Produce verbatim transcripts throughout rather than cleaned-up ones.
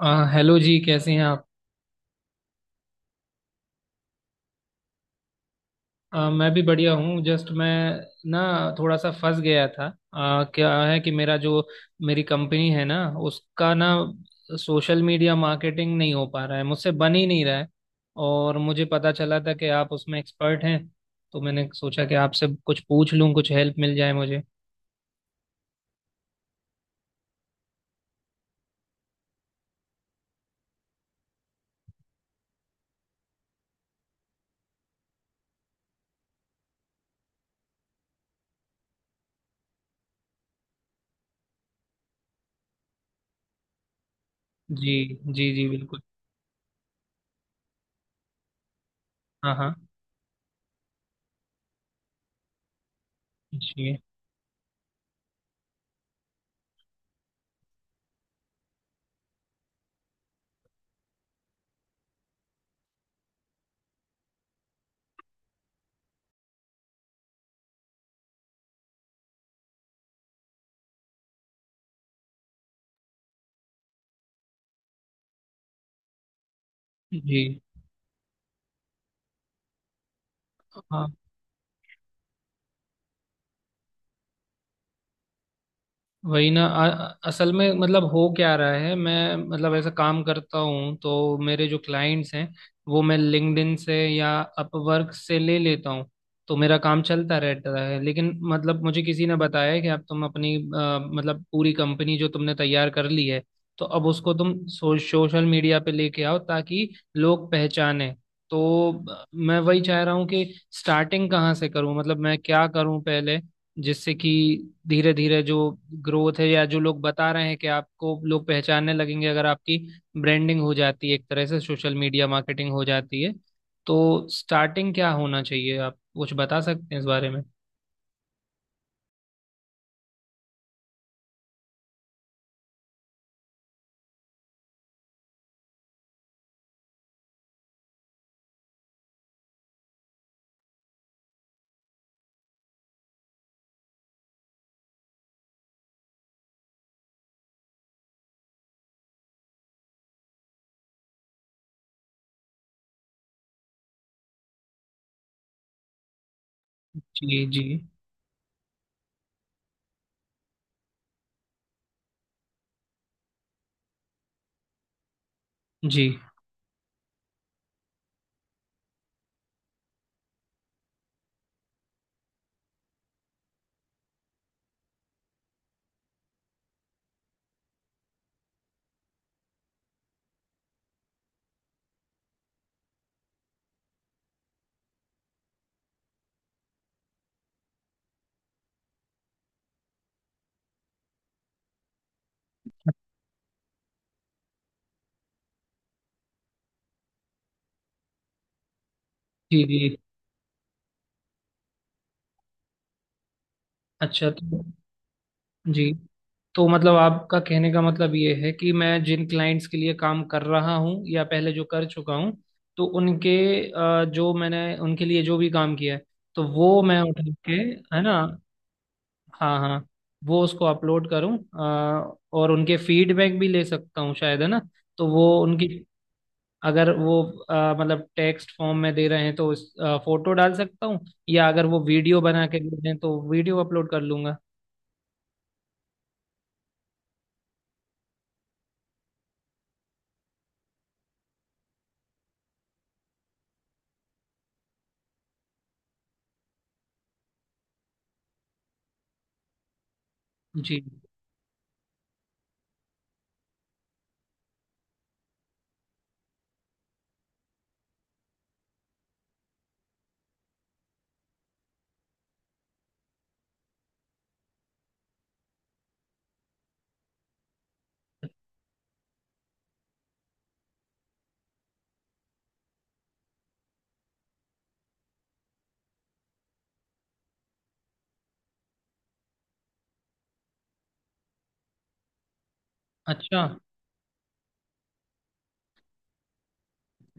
आ, hello जी, कैसे हैं आप। आ, मैं भी बढ़िया हूँ। जस्ट मैं ना थोड़ा सा फंस गया था। आ, क्या है कि मेरा जो मेरी कंपनी है ना, उसका ना, सोशल मीडिया मार्केटिंग नहीं हो पा रहा है, मुझसे बन ही नहीं रहा है। और मुझे पता चला था कि आप उसमें एक्सपर्ट हैं, तो मैंने सोचा कि आपसे कुछ पूछ लूँ, कुछ हेल्प मिल जाए मुझे। जी। जी जी, बिल्कुल। हाँ हाँ। जी। जी। हाँ। वही ना। अ- असल में मतलब हो क्या रहा है, मैं मतलब ऐसा काम करता हूँ, तो मेरे जो क्लाइंट्स हैं वो मैं लिंक्डइन से या अपवर्क से ले लेता हूँ, तो मेरा काम चलता रहता है। लेकिन मतलब मुझे किसी ने बताया है कि अब तुम अपनी अ, मतलब पूरी कंपनी जो तुमने तैयार कर ली है, तो अब उसको तुम सो, सोशल मीडिया पे लेके आओ, ताकि लोग पहचाने। तो अ, मैं वही चाह रहा हूँ कि स्टार्टिंग कहाँ से करूँ, मतलब मैं क्या करूँ पहले, जिससे कि धीरे धीरे जो ग्रोथ है, या जो लोग बता रहे हैं कि आपको लोग पहचानने लगेंगे अगर आपकी ब्रांडिंग हो जाती है, एक तरह से सोशल मीडिया मार्केटिंग हो जाती है। तो स्टार्टिंग क्या होना चाहिए, आप कुछ बता सकते हैं इस बारे में। जी जी। जी। जी। जी, अच्छा। तो जी, तो मतलब आपका कहने का मतलब ये है कि मैं जिन क्लाइंट्स के लिए काम कर रहा हूँ या पहले जो कर चुका हूँ, तो उनके, अ, जो मैंने उनके लिए जो भी काम किया है, तो वो मैं उठा के, है ना। हाँ हाँ। वो उसको अपलोड करूँ, अ, और उनके फीडबैक भी ले सकता हूँ शायद, है ना। तो वो उनकी, अगर वो अ, मतलब टेक्स्ट फॉर्म में दे रहे हैं तो उस फोटो डाल सकता हूँ, या अगर वो वीडियो बना के दे दें तो वीडियो अपलोड कर लूंगा। जी, अच्छा।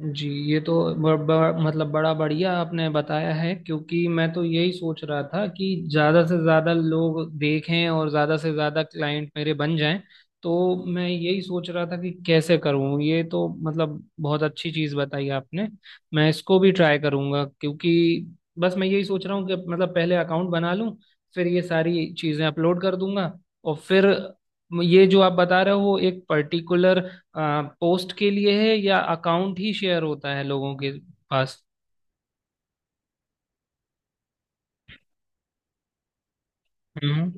जी, ये तो ब, ब, मतलब बड़ा बढ़िया आपने बताया है, क्योंकि मैं तो यही सोच रहा था कि ज़्यादा से ज़्यादा लोग देखें और ज़्यादा से ज़्यादा क्लाइंट मेरे बन जाएं। तो मैं यही सोच रहा था कि कैसे करूं, ये तो मतलब बहुत अच्छी चीज़ बताई आपने। मैं इसको भी ट्राई करूंगा, क्योंकि बस मैं यही सोच रहा हूँ कि मतलब पहले अकाउंट बना लूं, फिर ये सारी चीज़ें अपलोड कर दूंगा। और फिर ये जो आप बता रहे हो, वो एक पर्टिकुलर पोस्ट के लिए है या अकाउंट ही शेयर होता है लोगों के पास। हम्म।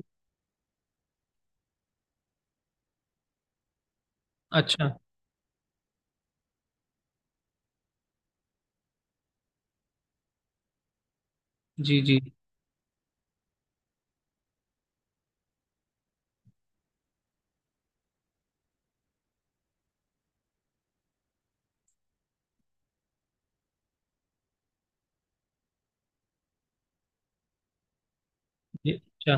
अच्छा। जी जी। ये- अच्छा।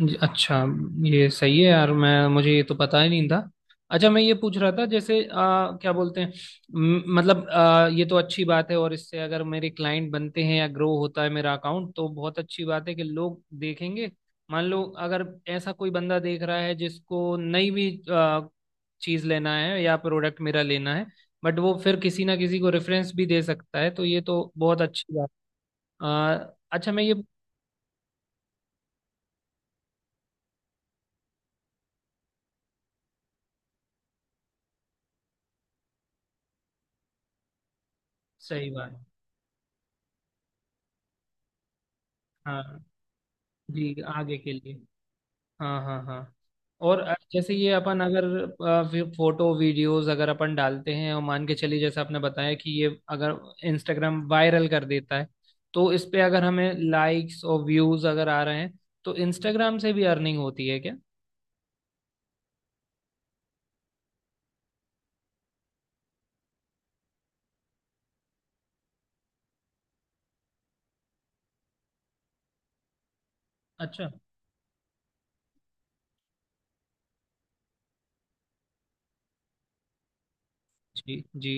जी, अच्छा। ये सही है यार, मैं, मुझे ये तो पता ही नहीं था। अच्छा मैं ये पूछ रहा था, जैसे आ, क्या बोलते हैं, म- मतलब आ, ये तो अच्छी बात है, और इससे अगर मेरे क्लाइंट बनते हैं या ग्रो होता है मेरा अकाउंट, तो बहुत अच्छी बात है कि लोग देखेंगे। मान लो अगर ऐसा कोई बंदा देख रहा है जिसको नहीं भी चीज लेना है या प्रोडक्ट मेरा लेना है, बट वो फिर किसी ना किसी को रेफरेंस भी दे सकता है, तो ये तो बहुत अच्छी बात। अ, अच्छा मैं ये, सही बात। हाँ जी, आगे के लिए। हाँ हाँ हाँ। और अ, जैसे ये अपन अगर फोटो वीडियोस अगर अपन डालते हैं, और मान के चलिए जैसे आपने बताया कि ये अगर इंस्टाग्राम वायरल कर देता है, तो इस पे अगर हमें लाइक्स और व्यूज अगर आ रहे हैं, तो इंस्टाग्राम से भी अर्निंग होती है क्या। अच्छा। जी जी।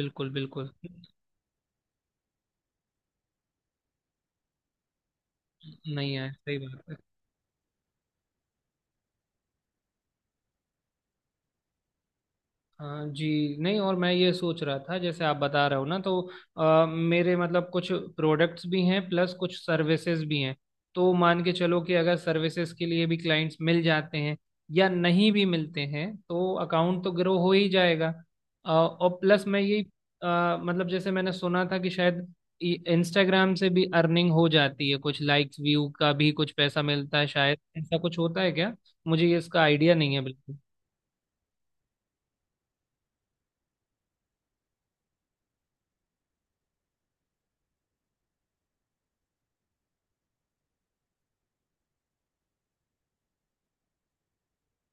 बिल्कुल बिल्कुल। नहीं है, सही बात है। हाँ जी। नहीं, और मैं ये सोच रहा था जैसे आप बता रहे हो ना, तो अ, मेरे मतलब कुछ प्रोडक्ट्स भी हैं, प्लस कुछ सर्विसेज भी हैं। तो मान के चलो कि अगर सर्विसेज के लिए भी क्लाइंट्स मिल जाते हैं या नहीं भी मिलते हैं, तो अकाउंट तो ग्रो हो ही जाएगा। अ, और प्लस मैं ये अ, मतलब जैसे मैंने सुना था कि शायद इंस्टाग्राम से भी अर्निंग हो जाती है, कुछ लाइक्स व्यू का भी कुछ पैसा मिलता है शायद, ऐसा कुछ होता है क्या। मुझे ये इसका आइडिया नहीं है बिल्कुल।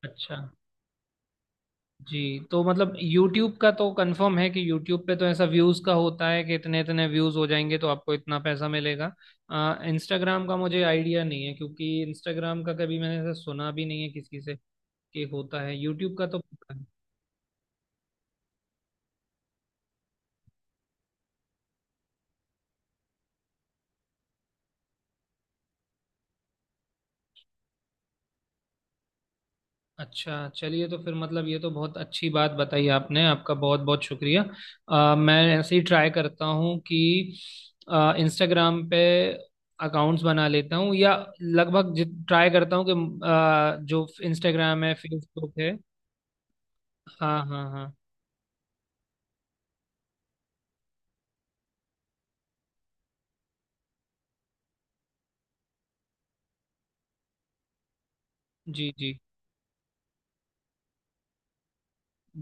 अच्छा। जी, तो मतलब यूट्यूब का तो कंफर्म है कि यूट्यूब पे तो ऐसा व्यूज का होता है कि इतने इतने व्यूज हो जाएंगे तो आपको इतना पैसा मिलेगा। आ, इंस्टाग्राम का मुझे आइडिया नहीं है, क्योंकि इंस्टाग्राम का कभी मैंने ऐसा सुना भी नहीं है किसी से कि होता है, यूट्यूब का तो। अच्छा, चलिए तो फिर मतलब ये तो बहुत अच्छी बात बताई आपने, आपका बहुत बहुत शुक्रिया। अ, मैं ऐसे ही ट्राई करता हूँ कि इंस्टाग्राम पे अकाउंट्स बना लेता हूँ, या लगभग ट्राई करता हूँ कि अ, जो इंस्टाग्राम है, फेसबुक है। हाँ हाँ हाँ। जी जी,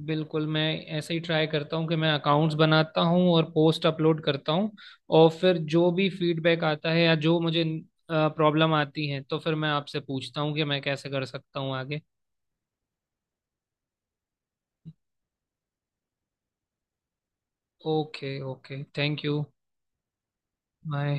बिल्कुल। मैं ऐसे ही ट्राई करता हूँ कि मैं अकाउंट्स बनाता हूँ और पोस्ट अपलोड करता हूँ, और फिर जो भी फीडबैक आता है या जो मुझे प्रॉब्लम आती है, तो फिर मैं आपसे पूछता हूँ कि मैं कैसे कर सकता हूँ आगे। Okay okay, thank you. Bye.